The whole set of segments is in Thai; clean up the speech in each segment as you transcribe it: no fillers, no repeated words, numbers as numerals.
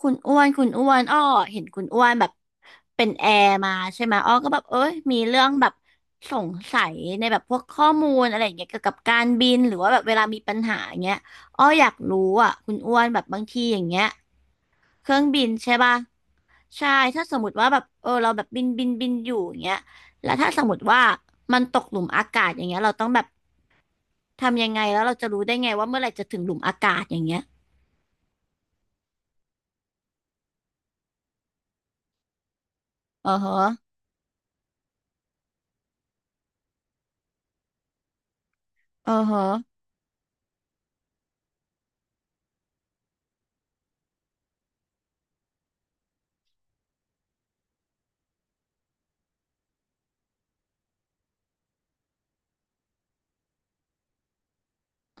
คุณอ้วนคุณอ้วนอ้อเห็นคุณอ้วนแบบเป็นแอร์มาใช่ไหมอ้อก็แบบเอ้ยมีเรื่องแบบสงสัยในแบบพวกข้อมูลอะไรอย่างเงี้ยเกี่ยวกับการบินหรือว่าแบบเวลามีปัญหาอย่างเงี้ยอ้ออยากรู้อ่ะคุณอ้วนแบบบางทีอย่างเงี้ยเครื่องบินใช่ป่ะใช่ถ้าสมมติว่าแบบเราแบบบินอยู่อย่างเงี้ยแล้วถ้าสมมติว่ามันตกหลุมอากาศอย่างเงี้ยเราต้องแบบทำยังไงแล้วเราจะรู้ได้ไงว่าเมื่อไหร่จะถึงหลุมอากาศอย่างเงี้ยอือฮะอือฮะ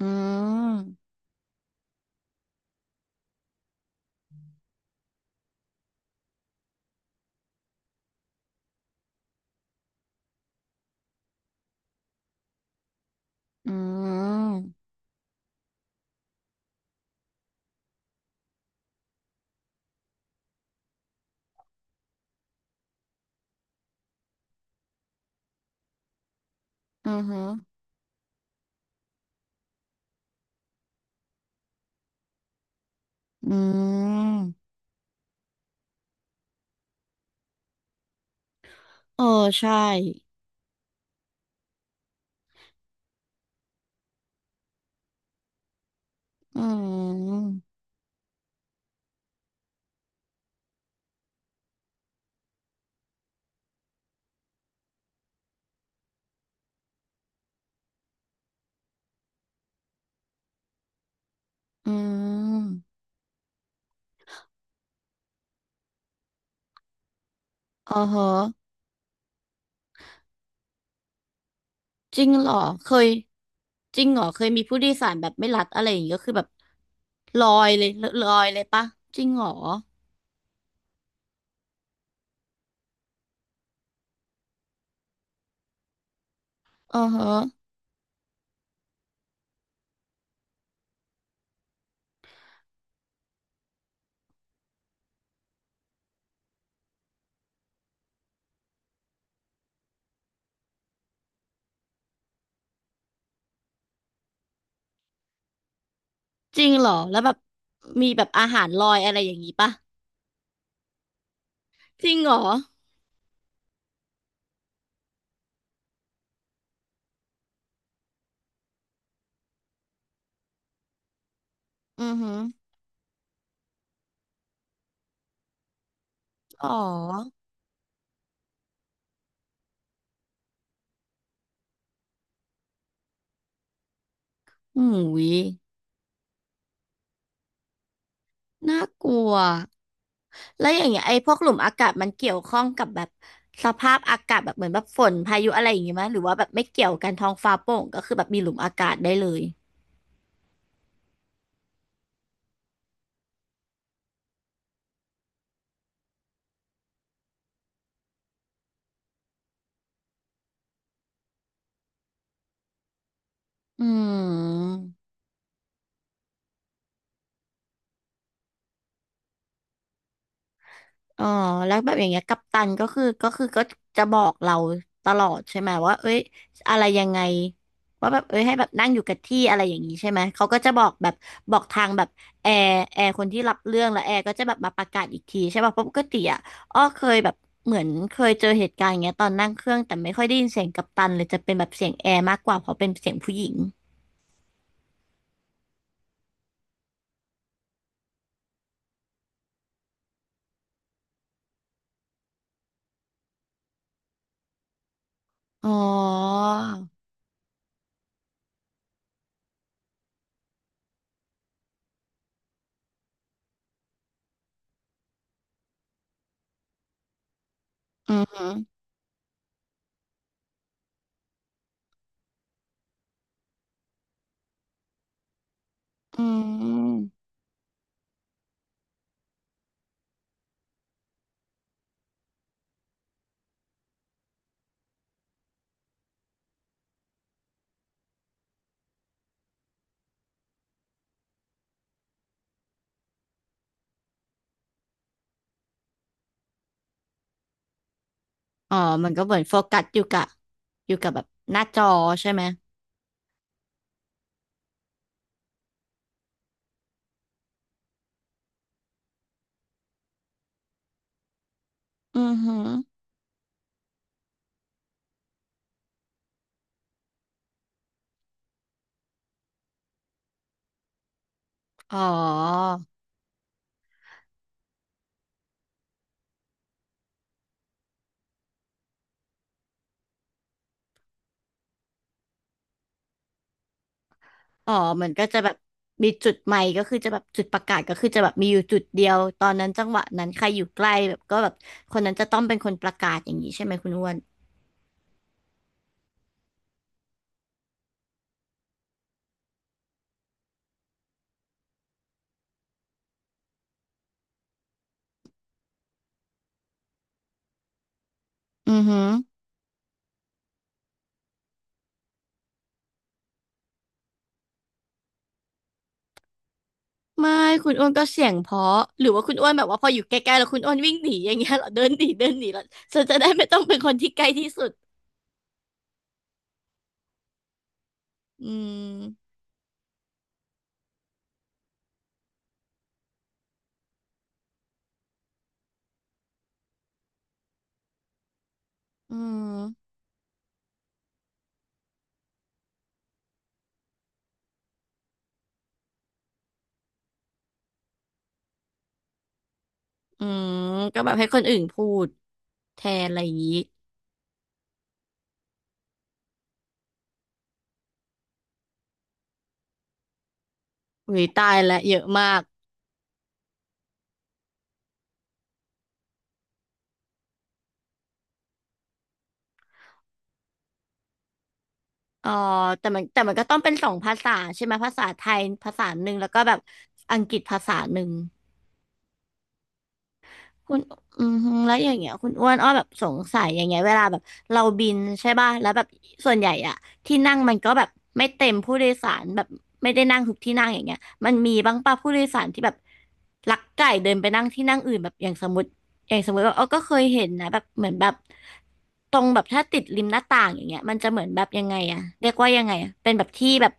อืม อืมอือฮึอืมเออใช่อืม อืมอ๋อฮะจริงเหรอเคยจริงเหรอเคยมีผู้โดยสารแบบไม่รัดอะไรอย่างงี้ก็คือแบบลอยเลยลอยเลยปะจริงเหรออ๋อฮะจริงเหรอแล้วแบบมีแบบอาหารลอยอะไรอย่างงี้ปะจริงเหรออือฮึอ๋อหูยน่ากลัว แล้วอย่างเงี้ยไอ้พวกหลุมอากาศมันเกี่ยวข้องกับแบบสภาพอากาศแบบเหมือนแบบฝนพายุอะไรอย่างงี้มั้ยหรือว่าแบบไม่เกี่ยวกันท้องฟ้าโปร่งก็คือแบบมีหลุมอากาศได้เลยอืม อ๋อแล้วแบบอย่างเงี้ยกัปตันก็คือก็จะบอกเราตลอดใช่ไหมว่าเอ้ยอะไรยังไงว่าแบบเอ้ยให้แบบนั่งอยู่กับที่อะไรอย่างนี้ใช่ไหมเขาก็จะบอกแบบบอกทางแบบแอร์คนที่รับเรื่องแล้วแอร์ก็จะแบบมาประกาศอีกทีใช่ป่ะเพราะปกติอ่ะอ้อเคยแบบเหมือนเคยเจอเหตุการณ์อย่างเงี้ยตอนนั่งเครื่องแต่ไม่ค่อยได้ยินเสียงกัปตันเลยจะเป็นแบบเสียงแอร์มากกว่าเพราะเป็นเสียงผู้หญิงอ๋ออือหืออืม อ๋อมันก็เหมือนโฟกัสอยู่กับแบบหน้าจอใช่ไหมอือหืออ๋ออ๋อมันก็จะแบบมีจุดใหม่ก็คือจะแบบจุดประกาศก็คือจะแบบมีอยู่จุดเดียวตอนนั้นจังหวะนั้นใครอยู่ใกล้แบบก็แบบคนนั้นจะต้องเป็นคนประกาศอย่างนี้ใช่ไหมคุณอ้วนอือหือไม่คุณอ้วนก็เสียงเพราะหรือว่าคุณอ้วนแบบว่าพออยู่ใกล้ๆแล้วคุณอ้วนวิ่งหนีอย่างเงี้ยเหรอเดินหนีเดินหนีแล้วฉันจะได้ไม่ต้องเป็นคนที่ใกล้ที่สุดอืมอืม อืมก็แบบให้คนอื่นพูดแทนอะไรอย่างนี้หุ้ยตายและเยอะมากอ๋อแต่มันก็ต้องเป็นสองภาษาใช่ไหมภาษาไทยภาษาหนึ่งแล้วก็แบบอังกฤษภาษาหนึ่ง คุณอืมฮึแล้วอย่างเงี้ยคุณอ้วนอ้อแบบสงสัยอย่างเงี้ยเวลาแบบเราบินใช่ป่ะแล้วแบบส่วนใหญ่อะที่นั่งมันก็แบบไม่เต็มผู้โดยสารแบบไม่ได้นั่งทุกที่นั่งอย่างเงี้ยมันมีบ้างป่ะผู้โดยสารที่แบบลักไก่เดินไปนั่งที่นั่งอื่นแบบอย่างสมมติอย่างสมมติว่าอ้อก็เคยเห็นนะแบบเหมือนแบบตรงแบบถ้าติดริมหน้าต่างอย่างเงี้ยมันจะเหมือนแบบยังไงอะเรียกว่ายังไงอะเป็นแบบที่แบบ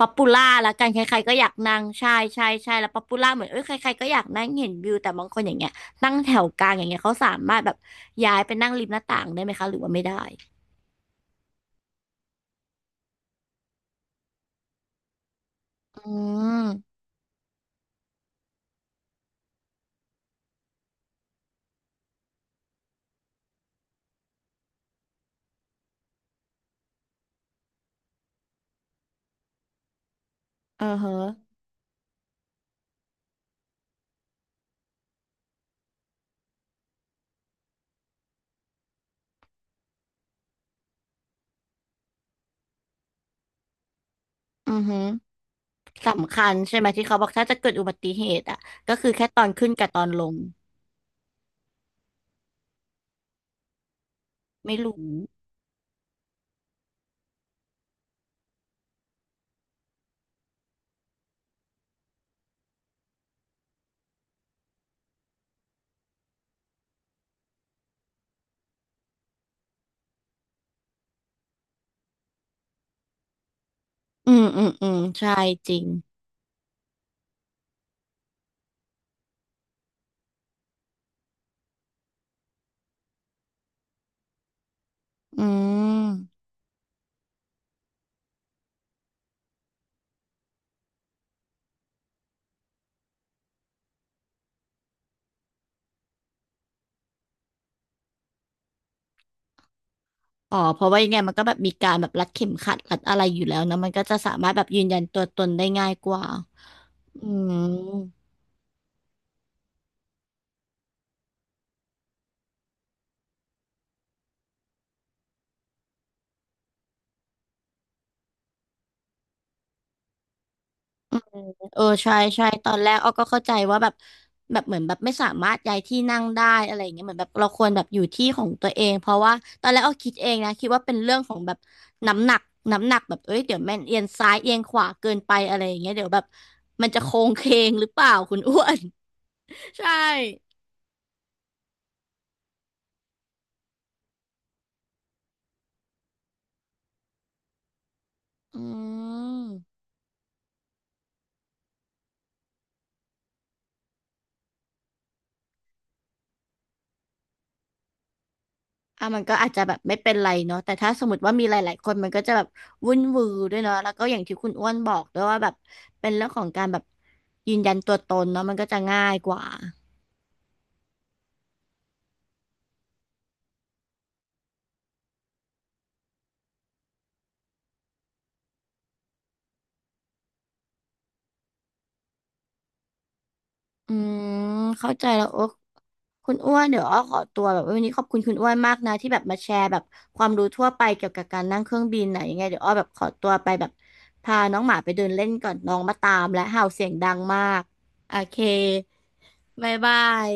ป๊อปปูล่าละกันใครๆก็อยากนั่งใช่ใช่ใช่แล้วป๊อปปูล่าเหมือนเอ้ยใครๆก็อยากนั่งเห็นวิวแต่บางคนอย่างเงี้ย นั่งแถวกลางอย่างเงี้ยเขาสามารถแบบย้ายไปนั่งริมหน้าต่างได้ไหมคะหรือว่าไม่ได้อืมเออฮะอือฮึสำคัญใช่ไหมที่เขาบอกถ้าจะเกิดอุบัติเหตุอ่ะก็คือแค่ตอนขึ้นกับตอนลงไม่รู้อืมอืมอืมใช่จริงอืมอ๋อเพราะว่ายังไงมันก็แบบมีการแบบรัดเข็มขัดรัดอะไรอยู่แล้วนะมันก็จะสามารถแบบยืนยันตัวตนได้ง่ายกว่าอืม เออใช่ใช่ตอนแรกอ้อก็เข้าใจว่าแบบแบบเหมือนแบบไม่สามารถย้ายที่นั่งได้อะไรอย่างเงี้ยเหมือนแบบเราควรแบบอยู่ที่ของตัวเองเพราะว่าตอนแรกอ้อคิดเองนะคิดว่าเป็นเรื่องของแบบน้ำหนักน้ำหนักแบบเอ้ยเดี๋ยวแม่นเอียงซ้ายเอียงขวาเกินไปอะไรอย่างเงี้ยเดี๋ยวแบบมันจะโค้งเคงหรือเปล่าคุณ อ้วน ใช่อืม อ่ะมันก็อาจจะแบบไม่เป็นไรเนาะแต่ถ้าสมมติว่ามีหลายๆคนมันก็จะแบบวุ่นวือด้วยเนาะแล้วก็อย่างที่คุณอ้วนบอกด้วยว่าแบบเป็นเรื่องของการแบบยืนยันตัวตนเนาะมันก็จะง่ายกว่าอืมเข้าใจแล้วโอ๊คคุณอ้วนเดี๋ยวอ้อขอตัวแบบวันนี้ขอบคุณคุณอ้วนมากนะที่แบบมาแชร์แบบความรู้ทั่วไปเกี่ยวกับการนั่งเครื่องบินไหนะยังไงเดี๋ยวอ้อแบบขอตัวไปแบบพาน้องหมาไปเดินเล่นก่อนน้องมาตามและเห่าเสียงดังมากโอเคบายบาย